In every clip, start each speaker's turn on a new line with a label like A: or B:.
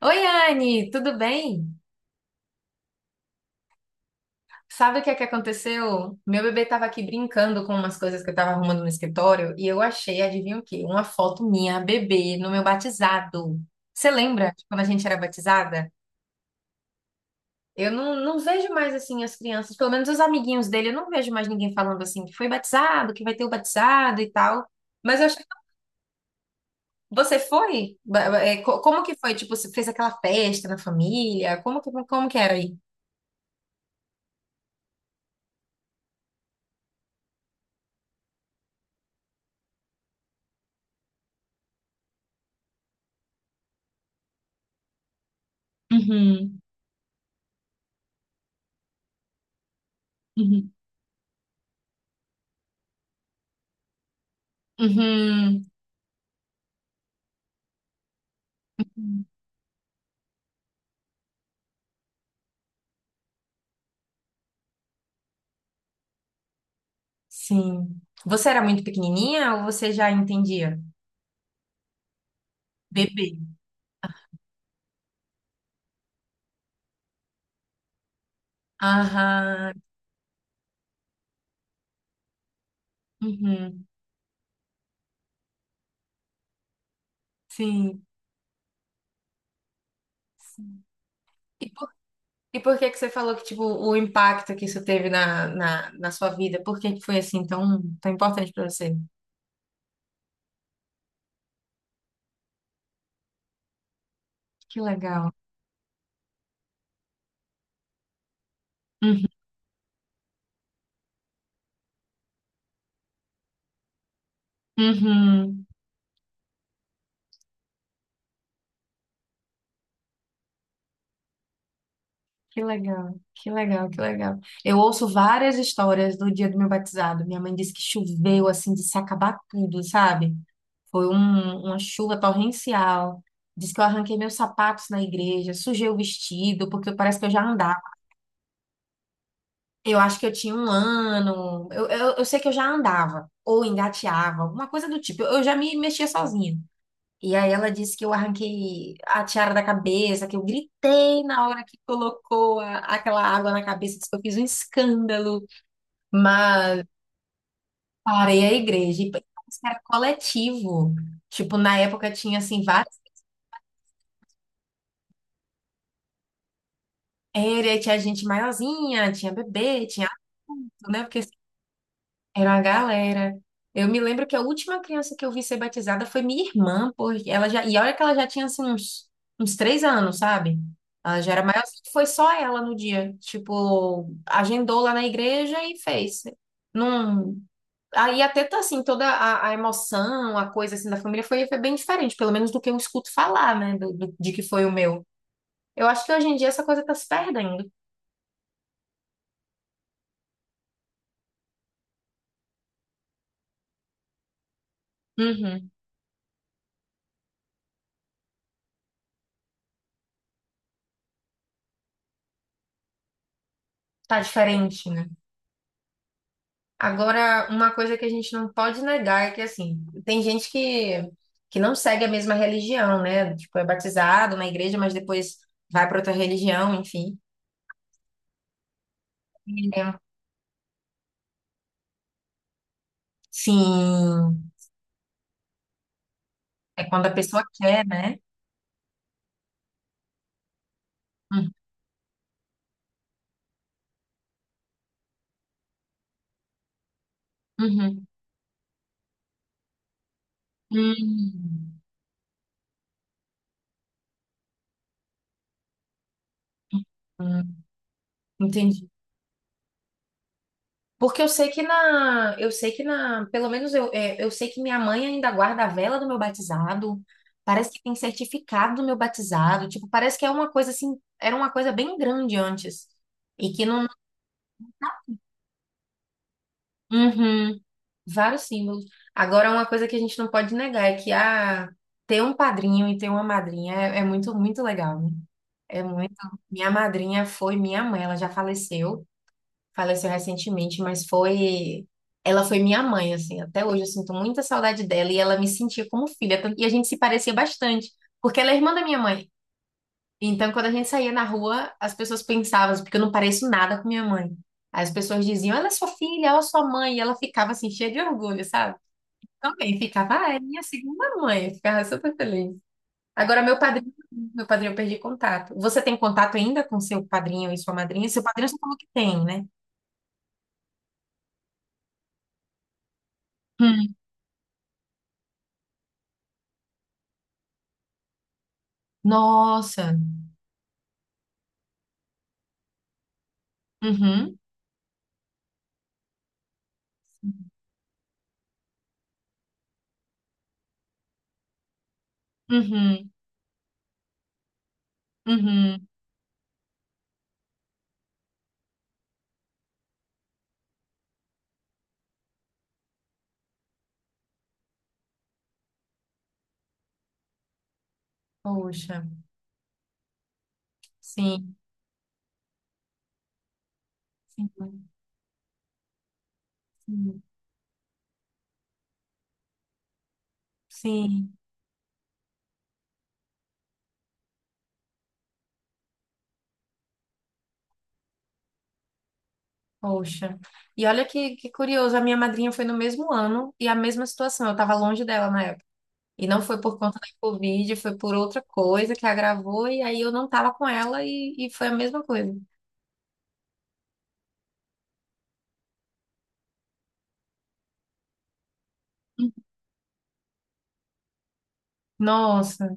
A: Oi, Anne, tudo bem? Sabe o que é que aconteceu? Meu bebê estava aqui brincando com umas coisas que eu estava arrumando no escritório e eu achei, adivinha o quê? Uma foto minha, bebê, no meu batizado. Você lembra de quando a gente era batizada? Eu não, vejo mais assim as crianças, pelo menos os amiguinhos dele, eu não vejo mais ninguém falando assim que foi batizado, que vai ter o batizado e tal. Mas eu achei que você foi? Como que foi? Tipo, você fez aquela festa na família? Como que era aí? Uhum, uhum. Uhum. Sim. Você era muito pequenininha ou você já entendia? Bebê. Aham. Uhum. Sim. Sim. E por, e por que que você falou que, tipo, o impacto que isso teve na sua vida? Por que que foi, assim, tão importante pra você? Que legal. Uhum. Uhum. Que legal, que legal, que legal. Eu ouço várias histórias do dia do meu batizado. Minha mãe disse que choveu assim de se acabar tudo, sabe? Uma chuva torrencial. Diz que eu arranquei meus sapatos na igreja, sujei o vestido, porque parece que eu já andava. Eu acho que eu tinha 1 ano. Eu sei que eu já andava, ou engateava, alguma coisa do tipo. Eu já me mexia sozinha. E aí ela disse que eu arranquei a tiara da cabeça, que eu gritei na hora que colocou aquela água na cabeça, disse que eu fiz um escândalo, mas parei a igreja. E parece era coletivo. Tipo, na época tinha assim várias. Era, tinha gente maiorzinha, tinha bebê, tinha, adulto, né? Porque era uma galera. Eu me lembro que a última criança que eu vi ser batizada foi minha irmã, porque ela já, e olha que ela já tinha assim uns 3 anos, sabe? Ela já era maior, foi só ela no dia. Tipo, agendou lá na igreja e fez. Não. Aí até tá assim, toda a emoção, a coisa assim da família foi, foi bem diferente, pelo menos do que eu escuto falar, né? De que foi o meu. Eu acho que hoje em dia essa coisa tá se perdendo. Uhum. Tá diferente, né? Agora, uma coisa que a gente não pode negar é que, assim, que não segue a mesma religião, né? Tipo, é batizado na igreja, mas depois vai para outra religião, enfim. É, sim, é quando a pessoa quer, né? Hum, uhum. Hum, hum, entendi. Porque eu sei que na, pelo menos eu, é, eu sei que minha mãe ainda guarda a vela do meu batizado. Parece que tem certificado do meu batizado. Tipo, parece que é uma coisa assim, era uma coisa bem grande antes. E que não, uhum, vários símbolos. Agora, uma coisa que a gente não pode negar é que ter um padrinho e ter uma madrinha é, é muito legal, né? É muito. Minha madrinha foi minha mãe, ela já faleceu. Faleceu recentemente, mas foi. Ela foi minha mãe, assim. Até hoje eu sinto muita saudade dela e ela me sentia como filha. E a gente se parecia bastante, porque ela é irmã da minha mãe. Então, quando a gente saía na rua, as pessoas pensavam, assim, porque eu não pareço nada com minha mãe. Aí as pessoas diziam, ela é sua filha, ela é sua mãe. E ela ficava, assim, cheia de orgulho, sabe? Também ficava, ah, é minha segunda mãe. Eu ficava super feliz. Agora, meu padrinho, eu perdi contato. Você tem contato ainda com seu padrinho e sua madrinha? Seu padrinho você falou que tem, né? Nossa. Uhum. Uhum. Uhum. Poxa. Sim. Sim. Sim. Sim. Poxa. E olha que curioso, a minha madrinha foi no mesmo ano e a mesma situação. Eu estava longe dela na época. E não foi por conta da Covid, foi por outra coisa que agravou, e aí eu não estava com ela e foi a mesma coisa. Nossa,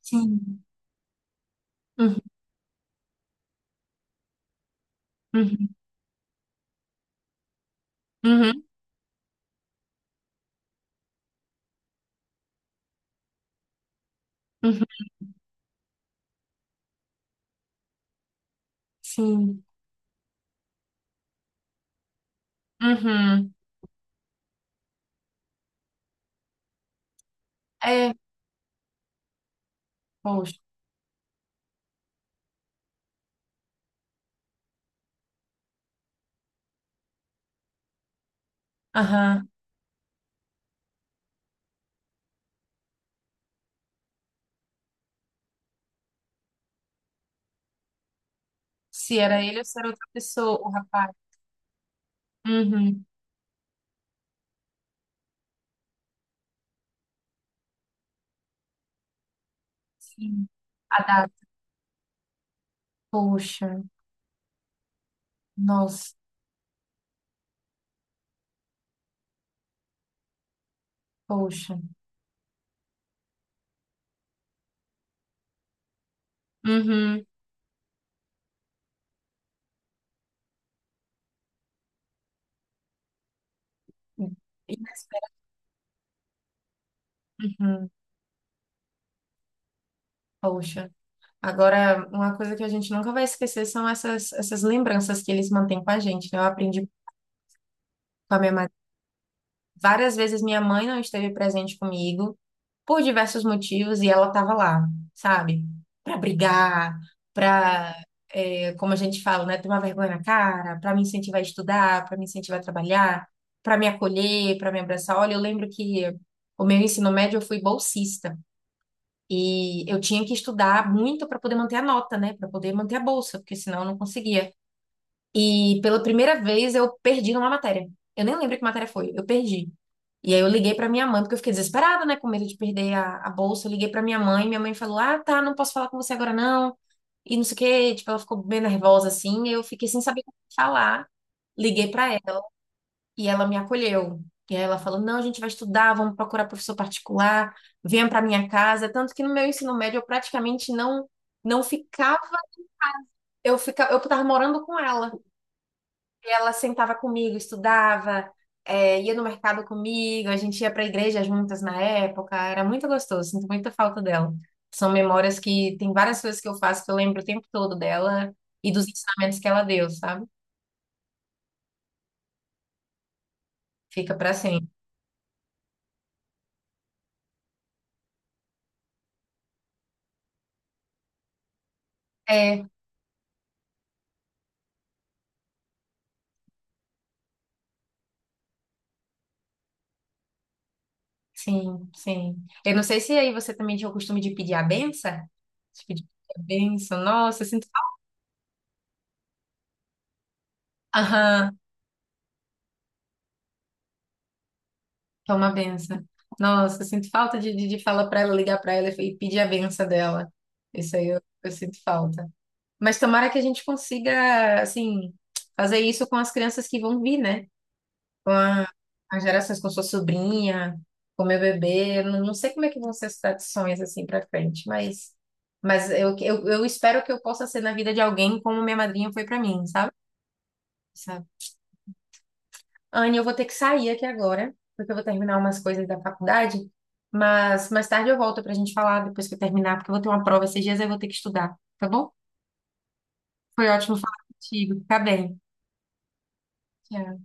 A: sim. Uhum, uhum, uhum, uhum, sim. Uhum. É, poxa. Aham. Se era ele ou se era outra pessoa, o rapaz. Uhum. Sim. A data. Poxa. Nossa. Poxa. Uhum. Inesperado. Uhum. Poxa. Agora, uma coisa que a gente nunca vai esquecer são essas lembranças que eles mantêm com a gente, né? Eu aprendi com a minha mãe. Várias vezes minha mãe não esteve presente comigo, por diversos motivos, e ela estava lá, sabe? Pra brigar, pra, é, como a gente fala, né, tomar vergonha na cara, pra me incentivar a estudar, pra me incentivar a trabalhar, pra me acolher, pra me abraçar. Olha, eu lembro que o meu ensino médio eu fui bolsista e eu tinha que estudar muito para poder manter a nota, né, para poder manter a bolsa, porque senão eu não conseguia. E pela primeira vez eu perdi numa matéria. Eu nem lembro que matéria foi, eu perdi. E aí eu liguei pra minha mãe, porque eu fiquei desesperada, né, com medo de perder a bolsa. Eu liguei pra minha mãe falou: "Ah, tá, não posso falar com você agora não". E não sei o quê, tipo, ela ficou bem nervosa assim, e eu fiquei sem saber o que falar. Liguei pra ela e ela me acolheu. E aí ela falou: "Não, a gente vai estudar, vamos procurar professor particular, venha pra minha casa". Tanto que no meu ensino médio eu praticamente não ficava, eu ficava, eu tava morando com ela. Ela sentava comigo, estudava, é, ia no mercado comigo, a gente ia para a igreja juntas na época, era muito gostoso, sinto muita falta dela. São memórias que tem várias coisas que eu faço que eu lembro o tempo todo dela e dos ensinamentos que ela deu, sabe? Fica para sempre. É, sim, sim. Eu não sei se aí você também tinha o costume de pedir a benção. De pedir a benção, nossa, eu sinto falta. Aham. Que é uma benção. Nossa, eu sinto falta de falar para ela, ligar para ela e pedir a benção dela. Isso aí eu sinto falta. Mas tomara que a gente consiga, assim, fazer isso com as crianças que vão vir, né? Com a, as gerações, com sua sobrinha, com meu bebê. Eu Não, não sei como é que vão ser as tradições, assim, para frente, mas eu espero que eu possa ser na vida de alguém como minha madrinha foi para mim, sabe? Anne, eu vou ter que sair aqui agora, porque eu vou terminar umas coisas da faculdade, mas mais tarde eu volto pra gente falar depois que eu terminar, porque eu vou ter uma prova esses dias e eu vou ter que estudar, tá bom? Foi ótimo falar contigo. Fica bem. Tchau.